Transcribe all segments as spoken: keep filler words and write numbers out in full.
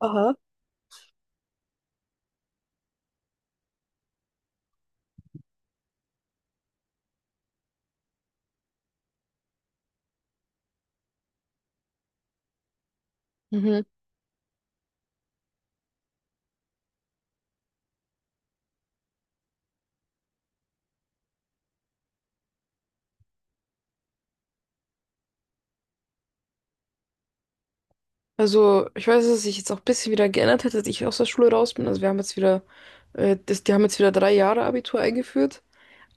Aha. Mhm. Also, ich weiß, dass sich jetzt auch ein bisschen wieder geändert hat, als ich aus der Schule raus bin. Also, wir haben jetzt wieder, äh, das, die haben jetzt wieder drei Jahre Abitur eingeführt.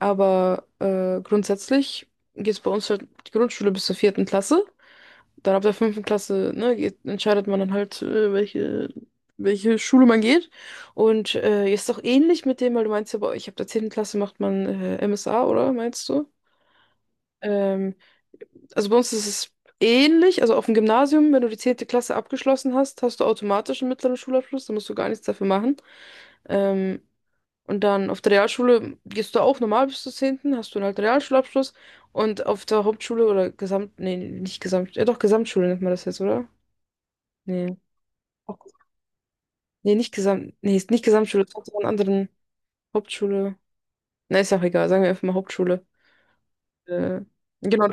Aber äh, grundsätzlich geht es bei uns halt die Grundschule bis zur vierten Klasse. Dann ab der fünften Klasse, ne, geht, entscheidet man dann halt, äh, welche, welche Schule man geht. Und äh, jetzt auch ähnlich mit dem, weil du meinst ja, bei euch ab der zehnten Klasse macht man äh, M S A, oder meinst du? Ähm, Also bei uns ist es ähnlich. Also auf dem Gymnasium, wenn du die zehnte Klasse abgeschlossen hast, hast du automatisch einen mittleren Schulabschluss, da musst du gar nichts dafür machen. Ähm, und dann auf der Realschule gehst du auch normal bis zur zehnten. Hast du halt einen halt Realschulabschluss. Und auf der Hauptschule oder Gesamt, nee, nicht Gesamt, ja doch, Gesamtschule nennt man das jetzt, oder? Nee. Auch- Nee, nicht Gesamt, nee, ist nicht Gesamtschule, das hat so einen anderen Hauptschule. Na, ist ja auch egal, sagen wir einfach mal Hauptschule. Äh, genau,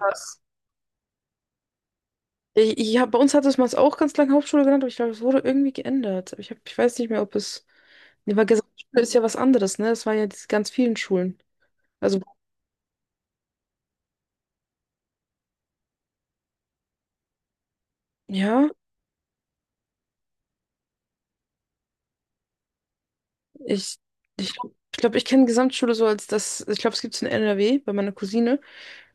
Ich, ich hab, Bei uns hat es mal auch ganz lange Hauptschule genannt, aber ich glaube, es wurde irgendwie geändert. Aber Ich, hab, ich weiß nicht mehr, ob es. Nee, weil Gesamtschule ist ja was anderes, ne? Es waren ja diese ganz vielen Schulen. Also, ja, ich ich glaube, ich, glaub, ich kenne Gesamtschule so als das. Ich glaube, es gibt es in N R W bei meiner Cousine.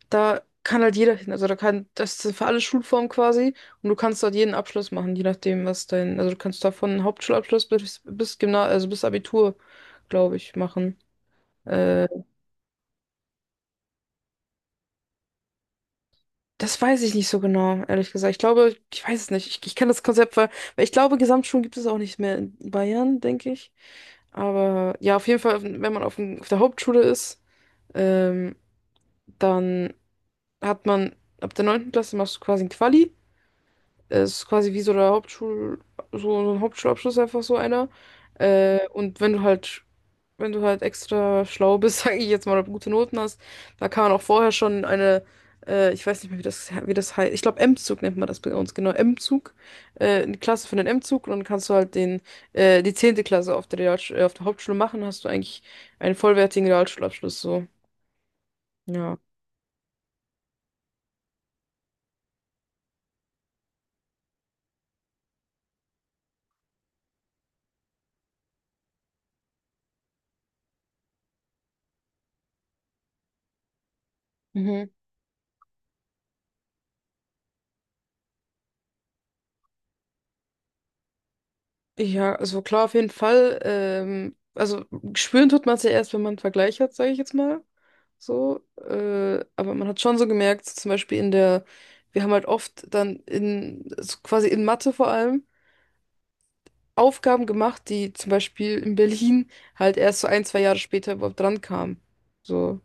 Da kann halt jeder hin. Also, da kann. Das ist für alle Schulformen quasi. Und du kannst dort jeden Abschluss machen, je nachdem, was dein. Also, du kannst da von Hauptschulabschluss bis, bis Gymnasium, also bis Abitur, glaube ich, machen. Äh, Das weiß ich nicht so genau, ehrlich gesagt. Ich glaube, ich weiß es nicht. Ich, ich kenne das Konzept, weil, weil ich glaube, Gesamtschulen gibt es auch nicht mehr in Bayern, denke ich. Aber ja, auf jeden Fall, wenn man auf, dem- auf der Hauptschule ist, ähm, dann hat man ab der neunten Klasse machst du quasi ein Quali. Es ist quasi wie so der Hauptschul, so ein Hauptschulabschluss, einfach so einer. Äh, und wenn du halt wenn du halt extra schlau bist, sage ich jetzt mal, oder gute Noten hast, da kann man auch vorher schon eine, äh, ich weiß nicht mehr, wie das, wie das heißt, ich glaube M-Zug nennt man das bei uns, genau, M-Zug, äh, eine Klasse für den M-Zug und dann kannst du halt den, äh, die zehnte Klasse auf der Real, äh, auf der Hauptschule machen, hast du eigentlich einen vollwertigen Realschulabschluss, so, ja. Mhm. Ja, also klar, auf jeden Fall. Ähm, also spüren tut man es ja erst, wenn man einen Vergleich hat, sage ich jetzt mal. So. Äh, aber man hat schon so gemerkt, so zum Beispiel in der, wir haben halt oft dann in, so quasi in Mathe vor allem, Aufgaben gemacht, die zum Beispiel in Berlin halt erst so ein, zwei Jahre später überhaupt dran kamen. So.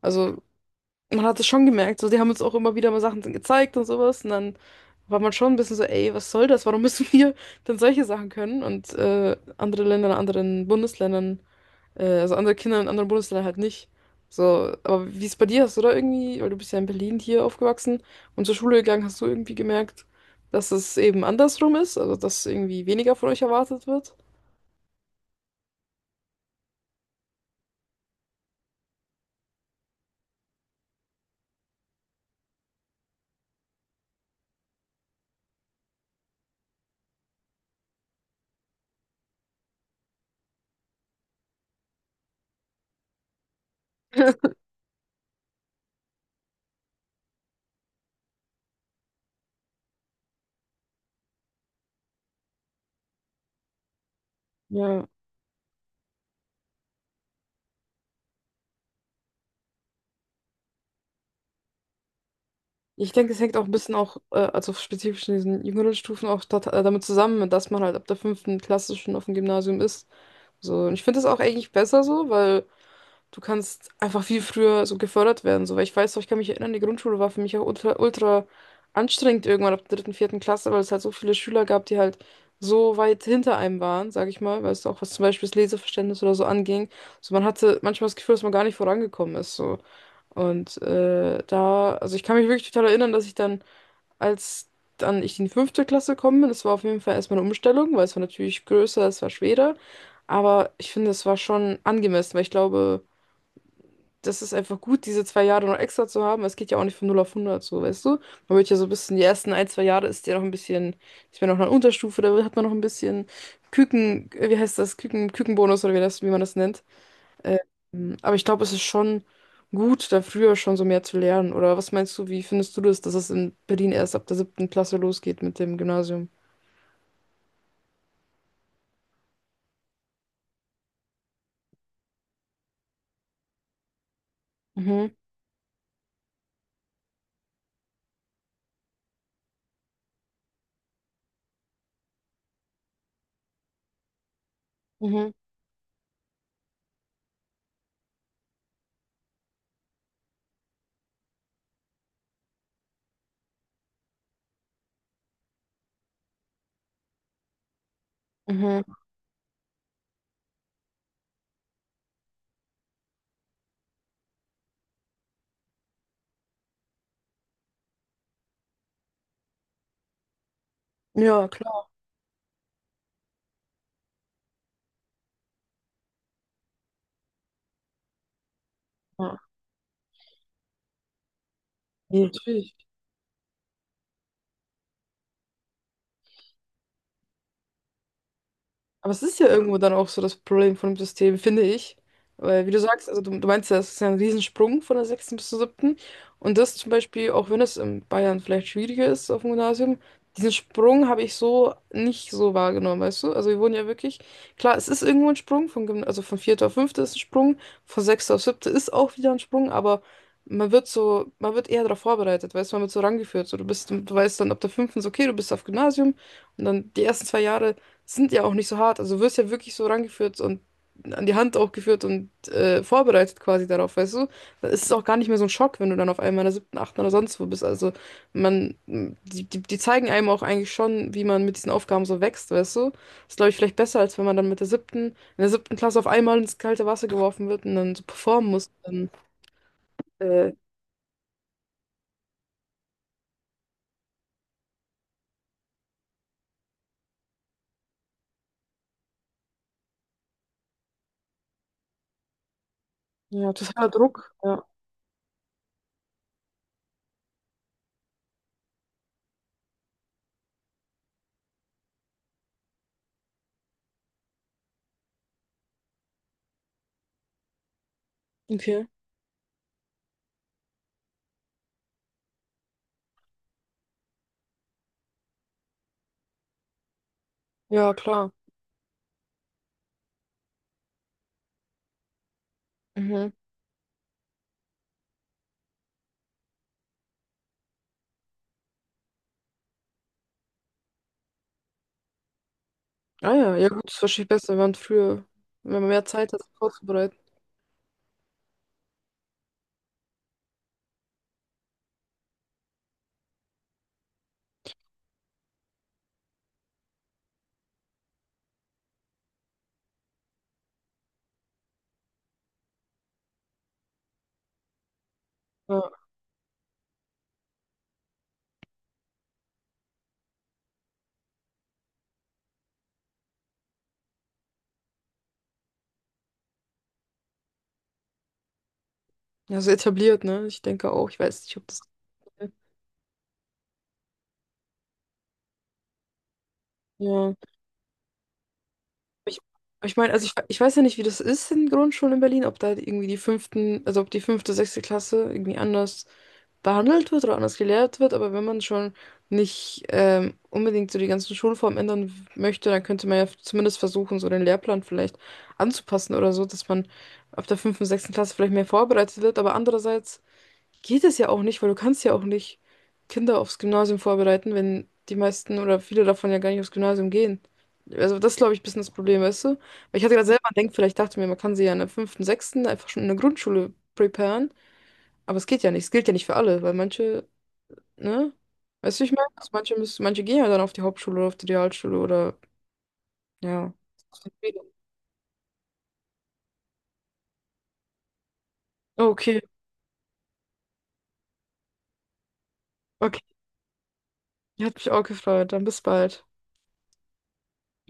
Also man hat es schon gemerkt, so, die haben uns auch immer wieder mal Sachen gezeigt und sowas und dann war man schon ein bisschen so, ey, was soll das? Warum müssen wir denn solche Sachen können? Und äh, andere Länder in anderen Bundesländern, äh, also andere Kinder in anderen Bundesländern halt nicht. So, aber wie es bei dir ist, oder irgendwie, weil du bist ja in Berlin hier aufgewachsen und zur Schule gegangen, hast du irgendwie gemerkt, dass es eben andersrum ist, also dass irgendwie weniger von euch erwartet wird? Ja. Ich denke, es hängt auch ein bisschen auch, äh, also spezifisch in diesen jüngeren Stufen auch dat, äh, damit zusammen, dass man halt ab der fünften Klasse schon auf dem Gymnasium ist. So, und ich finde das auch eigentlich besser so, weil du kannst einfach viel früher so gefördert werden, so, weil ich weiß noch, ich kann mich erinnern, die Grundschule war für mich auch ultra, ultra anstrengend irgendwann ab der dritten, vierten Klasse, weil es halt so viele Schüler gab, die halt so weit hinter einem waren, sag ich mal, weißt du, auch was zum Beispiel das Leseverständnis oder so anging. So, man hatte manchmal das Gefühl, dass man gar nicht vorangekommen ist, so. Und äh, da, also ich kann mich wirklich total erinnern, dass ich dann, als dann ich in die fünfte Klasse gekommen bin, das war auf jeden Fall erstmal eine Umstellung, weil es war natürlich größer, es war schwerer. Aber ich finde, es war schon angemessen, weil ich glaube, das ist einfach gut, diese zwei Jahre noch extra zu haben. Weil es geht ja auch nicht von null auf hundert so, weißt du? Man wird ja so ein bisschen, die ersten ein, zwei Jahre ist ja noch ein bisschen, ich bin noch in der Unterstufe, da hat man noch ein bisschen Küken, wie heißt das, Küken, Kükenbonus oder wie das, wie man das nennt. Ähm, aber ich glaube, es ist schon gut, da früher schon so mehr zu lernen. Oder was meinst du, wie findest du das, dass es in Berlin erst ab der siebten Klasse losgeht mit dem Gymnasium? Mhm, mhm, mhm. Ja, klar. Ja, natürlich. Aber es ist ja irgendwo dann auch so das Problem von dem System, finde ich. Weil, wie du sagst, also du, du meinst ja, es ist ja ein Riesensprung von der sechsten bis zur siebten. Und das zum Beispiel, auch wenn es in Bayern vielleicht schwieriger ist auf dem Gymnasium, diesen Sprung habe ich so nicht so wahrgenommen, weißt du? Also wir wurden ja wirklich, klar, es ist irgendwo ein Sprung, von, Gymna- also von vierte auf fünfte ist ein Sprung, von sechste auf siebte ist auch wieder ein Sprung, aber man wird so, man wird eher darauf vorbereitet, weißt du, man wird so rangeführt. So, du bist, du weißt dann ab der fünften, so, okay, du bist auf Gymnasium und dann die ersten zwei Jahre sind ja auch nicht so hart. Also du wirst ja wirklich so rangeführt und an die Hand auch geführt und äh, vorbereitet quasi darauf, weißt du? Dann ist es auch gar nicht mehr so ein Schock, wenn du dann auf einmal in der siebten, achten oder sonst wo bist. Also man, die, die, die zeigen einem auch eigentlich schon, wie man mit diesen Aufgaben so wächst, weißt du? Ist, glaube ich, vielleicht besser, als wenn man dann mit der siebten, in der siebten Klasse auf einmal ins kalte Wasser geworfen wird und dann so performen muss. Dann, äh, ja, totaler Druck. Ja, okay. Ja, klar. Mhm. Ah ja, ja gut, ist wahrscheinlich besser, wenn man früher, wenn man mehr Zeit hat, sich vorzubereiten. ja Ja, so etabliert, ne? Ich denke auch. Ich weiß nicht, ob das. Ja. Ich, ich meine, also ich, ich weiß ja nicht, wie das ist in Grundschulen in Berlin, ob da irgendwie die fünften, also ob die fünfte, sechste Klasse irgendwie anders behandelt wird oder anders gelehrt wird, aber wenn man schon nicht ähm, unbedingt so die ganzen Schulformen ändern w- möchte, dann könnte man ja f- zumindest versuchen, so den Lehrplan vielleicht anzupassen oder so, dass man ab der fünften, sechsten Klasse vielleicht mehr vorbereitet wird, aber andererseits, geht es ja auch nicht, weil du kannst ja auch nicht Kinder aufs Gymnasium vorbereiten, wenn die meisten oder viele davon ja gar nicht aufs Gymnasium gehen. Also das glaube ich ein bisschen das Problem, weißt du? Weil ich hatte gerade selber denkt, vielleicht dachte mir, man kann sie ja in der fünften, sechsten einfach schon in der Grundschule preparen, aber es geht ja nicht, es gilt ja nicht für alle, weil manche, ne? Weißt du, ich meine, also manche müssen, manche gehen ja dann auf die Hauptschule oder auf die Realschule oder ja. Okay, okay. Hat mich auch gefreut. Dann bis bald.